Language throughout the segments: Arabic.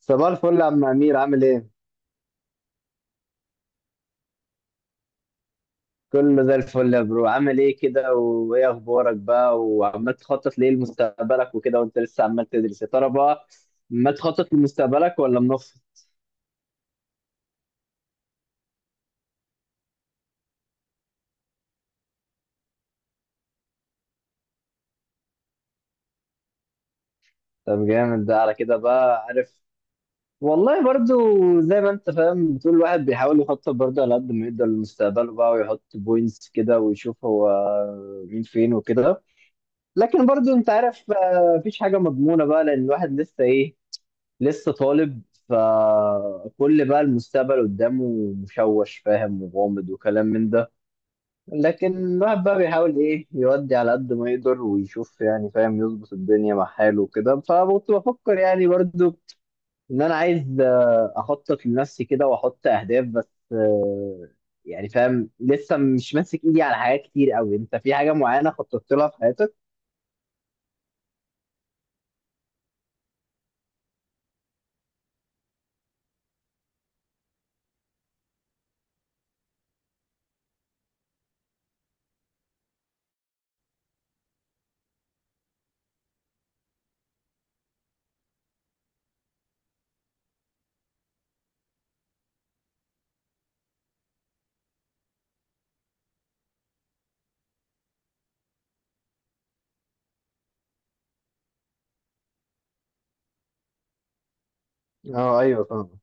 صباح الفل يا عم أمير، عامل إيه؟ كله زي الفل يا برو، عامل إيه كده، وإيه أخبارك بقى، وعمال تخطط لإيه لمستقبلك وكده، وأنت لسه عمال تدرس يا ترى بقى، ما تخطط لمستقبلك ولا منفض؟ طب جامد ده، على كده بقى عارف. والله برضو زي ما أنت فاهم، بتقول الواحد بيحاول يخطط برضو على قد ما يقدر لمستقبله بقى، ويحط بوينتس كده، ويشوف هو مين فين وكده. لكن برضو أنت عارف، مفيش حاجة مضمونة بقى، لأن الواحد لسه إيه، لسه طالب. فكل بقى المستقبل قدامه مشوش، فاهم، وغامض وكلام من ده. لكن الواحد بقى بيحاول ايه، يودي على قد ما يقدر ويشوف، يعني فاهم، يظبط الدنيا مع حاله وكده. فكنت بفكر يعني برضو ان انا عايز اخطط لنفسي كده واحط اهداف، بس يعني فاهم لسه مش ماسك ايدي على حاجات كتير قوي. انت في حاجة معينة خططت لها في حياتك؟ اه ايوه فاهم.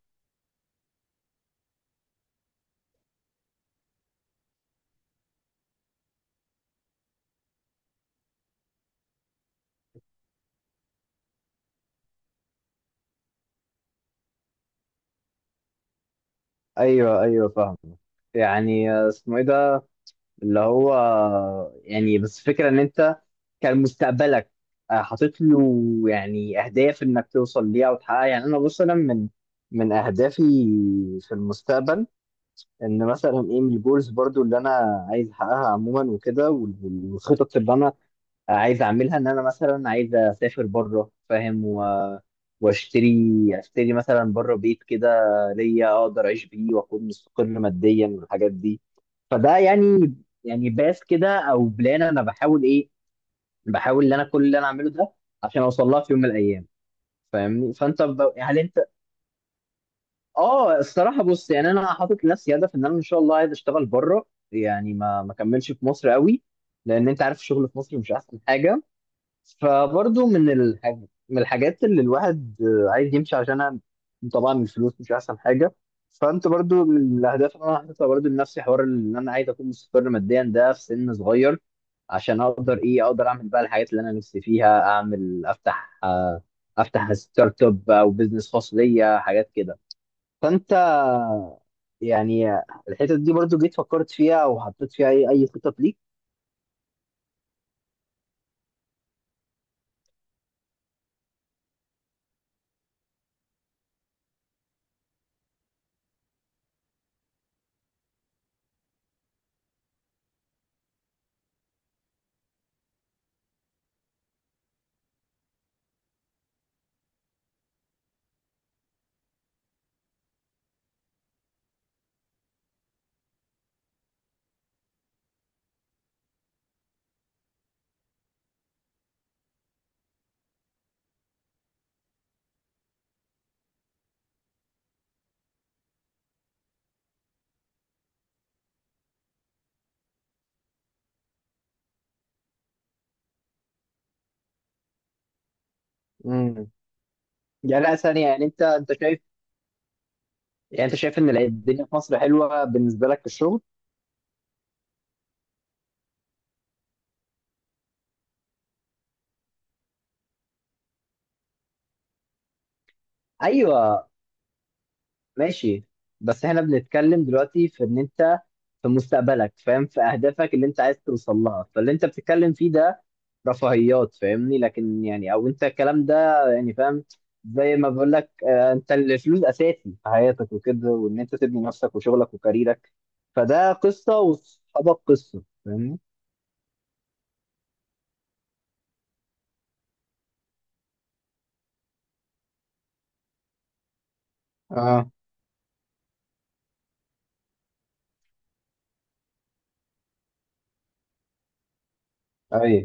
ايوه ايوه فاهم. يعني اسمه ايه ده، اللي هو، يعني بس فكرة ان انت كان مستقبلك حاطط له يعني اهداف انك توصل ليها وتحققها. يعني انا بص، انا من اهدافي في المستقبل، ان مثلا ايه، من الجولز برضو اللي انا عايز احققها عموما وكده، والخطط اللي انا عايز اعملها، ان انا مثلا عايز اسافر بره فاهم، واشتري مثلا بره بيت كده ليا، اقدر اعيش بيه واكون مستقر ماديا والحاجات دي. فده يعني، يعني باس كده او بلان، انا بحاول ايه، بحاول ان انا كل اللي انا اعمله ده عشان اوصل لها في يوم من الايام. فاهمني؟ هل انت؟ اه الصراحه، بص يعني انا حاطط لنفسي هدف ان انا ان شاء الله عايز اشتغل بره. يعني ما كملش في مصر قوي، لان انت عارف الشغل في مصر مش احسن حاجه. فبرضه من الحاجات اللي الواحد عايز يمشي عشانها، طبعا الفلوس مش احسن حاجه. فانت برضه من الاهداف اللي انا حاططها برضه لنفسي، حوار ان انا عايز اكون مستقر ماديا ده في سن صغير، عشان اقدر ايه، اقدر اعمل بقى الحاجات اللي انا نفسي فيها اعمل، افتح افتح ستارت اب او بزنس خاص ليا، حاجات كده. فانت يعني، الحتت دي برضه جيت فكرت فيها او حطيت فيها اي خطط ليك؟ امم يعني لا ثانيه، يعني انت شايف، يعني انت شايف ان الدنيا في مصر حلوه بالنسبه لك في الشغل؟ ايوه. ماشي، بس احنا بنتكلم دلوقتي في ان انت في مستقبلك فاهم، في اهدافك اللي انت عايز توصل لها، فاللي انت بتتكلم فيه ده رفاهيات فاهمني، لكن يعني او انت الكلام ده يعني فاهم، زي ما بقول لك انت الفلوس اساسي في حياتك وكده، وان انت تبني نفسك وشغلك وكاريرك، فده قصه وصحابك قصه فاهمني. اه اي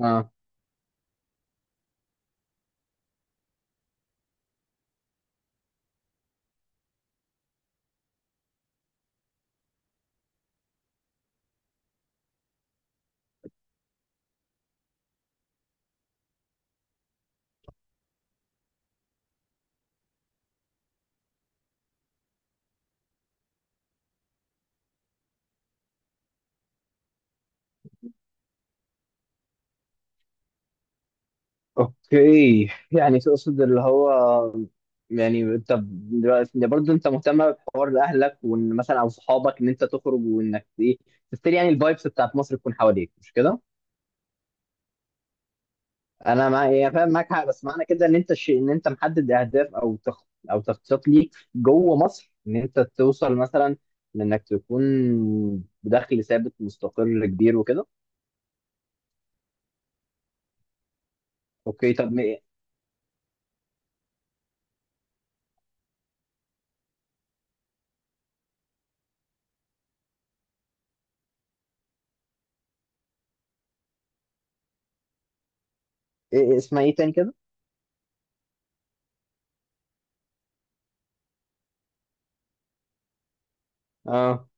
اه. اوكي، يعني تقصد اللي هو، يعني طب دلوقتي برضه انت مهتم بحوار اهلك وان مثلا او صحابك ان انت تخرج، وانك ايه، تفتري يعني الفايبس بتاعت مصر تكون حواليك، مش كده؟ انا مع، يعني فاهم معاك حق، بس معنى كده ان انت الشيء، ان انت محدد اهداف او تخطيط ليك جوه مصر، ان انت توصل مثلا، لانك تكون بدخل ثابت مستقر كبير وكده. اوكي طب ايه؟ إيه اسمها ايه تاني كده؟ اه.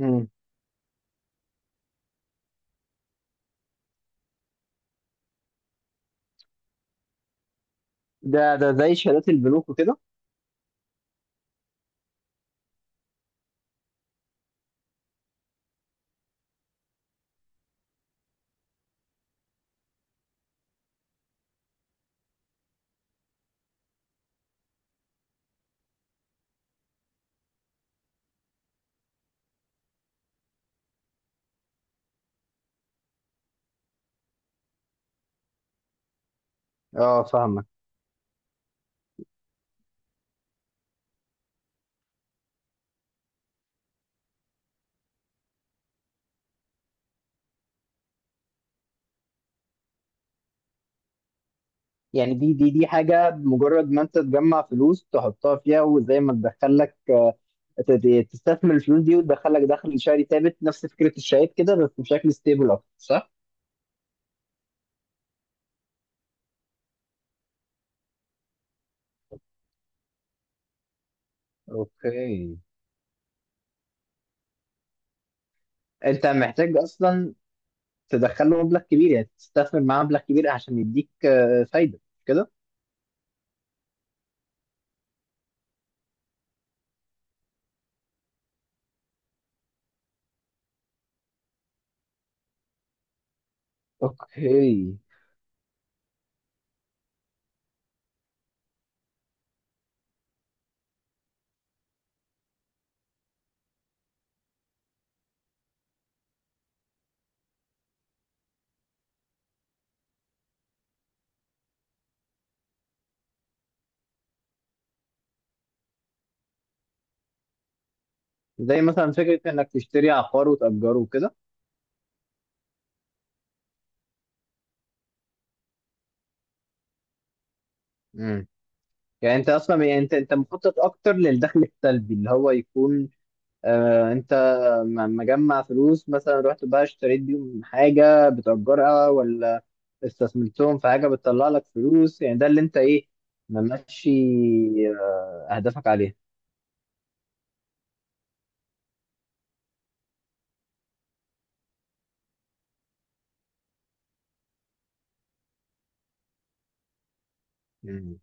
امم ده زي شهادات البنوك وكده؟ اه فاهمك. يعني دي حاجة، مجرد ما انت تجمع فلوس تحطها فيها وزي ما تدخل لك، تستثمر الفلوس دي وتدخل لك دخل شهري ثابت، نفس فكرة الشهادات كده بس بشكل ستيبل اكتر، صح؟ اوكي. انت محتاج اصلا تدخل له مبلغ كبير، يعني تستثمر معاه مبلغ كبير عشان يديك فايدة كده. اوكي، زي مثلا فكرة انك تشتري عقار وتأجره وكده. مم. يعني انت اصلا، يعني انت مخطط اكتر للدخل السلبي، اللي هو يكون انت مجمع فلوس مثلا رحت بقى اشتريت بيهم حاجة بتأجرها، ولا استثمرتهم في حاجة بتطلع لك فلوس، يعني ده اللي انت ايه، ممشي اهدافك عليها. مم.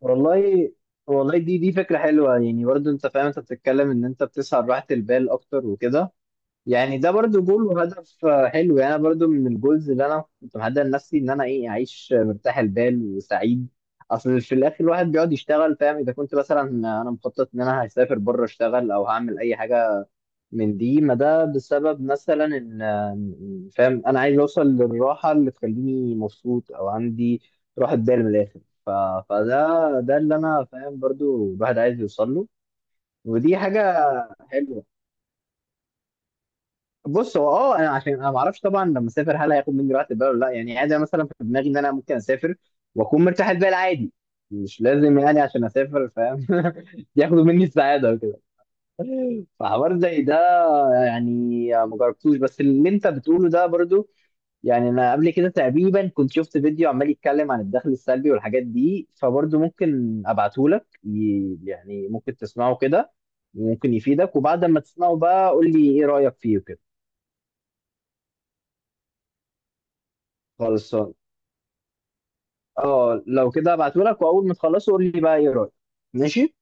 والله، والله دي فكرة حلوة، يعني برضه انت فاهم انت بتتكلم ان انت بتسعى لراحة البال اكتر وكده. يعني ده برضو جول وهدف حلو. يعني أنا برضو من الجولز اللي انا كنت محدد لنفسي، ان انا ايه، اعيش مرتاح البال وسعيد. اصل في الاخر الواحد بيقعد يشتغل فاهم، اذا كنت مثلا انا مخطط ان انا هسافر بره اشتغل او هعمل اي حاجه من دي، ما ده بسبب مثلا ان فاهم انا عايز اوصل للراحه اللي تخليني مبسوط او عندي راحه بال من الاخر. ف... فده، ده اللي انا فاهم برضو الواحد عايز يوصل له. ودي حاجه حلوه. بص هو اه، انا عشان انا ما اعرفش طبعا لما اسافر هل هياخد مني وقت ده ولا لا، يعني عادي، أنا مثلا في دماغي ان انا ممكن اسافر واكون مرتاح البال عادي، مش لازم يعني عشان اسافر فاهم ياخدوا مني السعاده وكده. فحوار زي ده، يعني ما جربتوش، بس اللي انت بتقوله ده برضو، يعني انا قبل كده تقريبا كنت شفت فيديو عمال يتكلم عن الدخل السلبي والحاجات دي، فبرضو ممكن ابعته لك، يعني ممكن تسمعه كده، وممكن يفيدك، وبعد ما تسمعه بقى قول لي ايه رايك فيه وكده. خالص. اه لو كده هبعتهولك، واول ما تخلصه قول لي بقى ايه رايك. ماشي.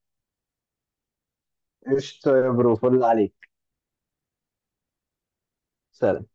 قشطة يا برو، فل عليك. سلام.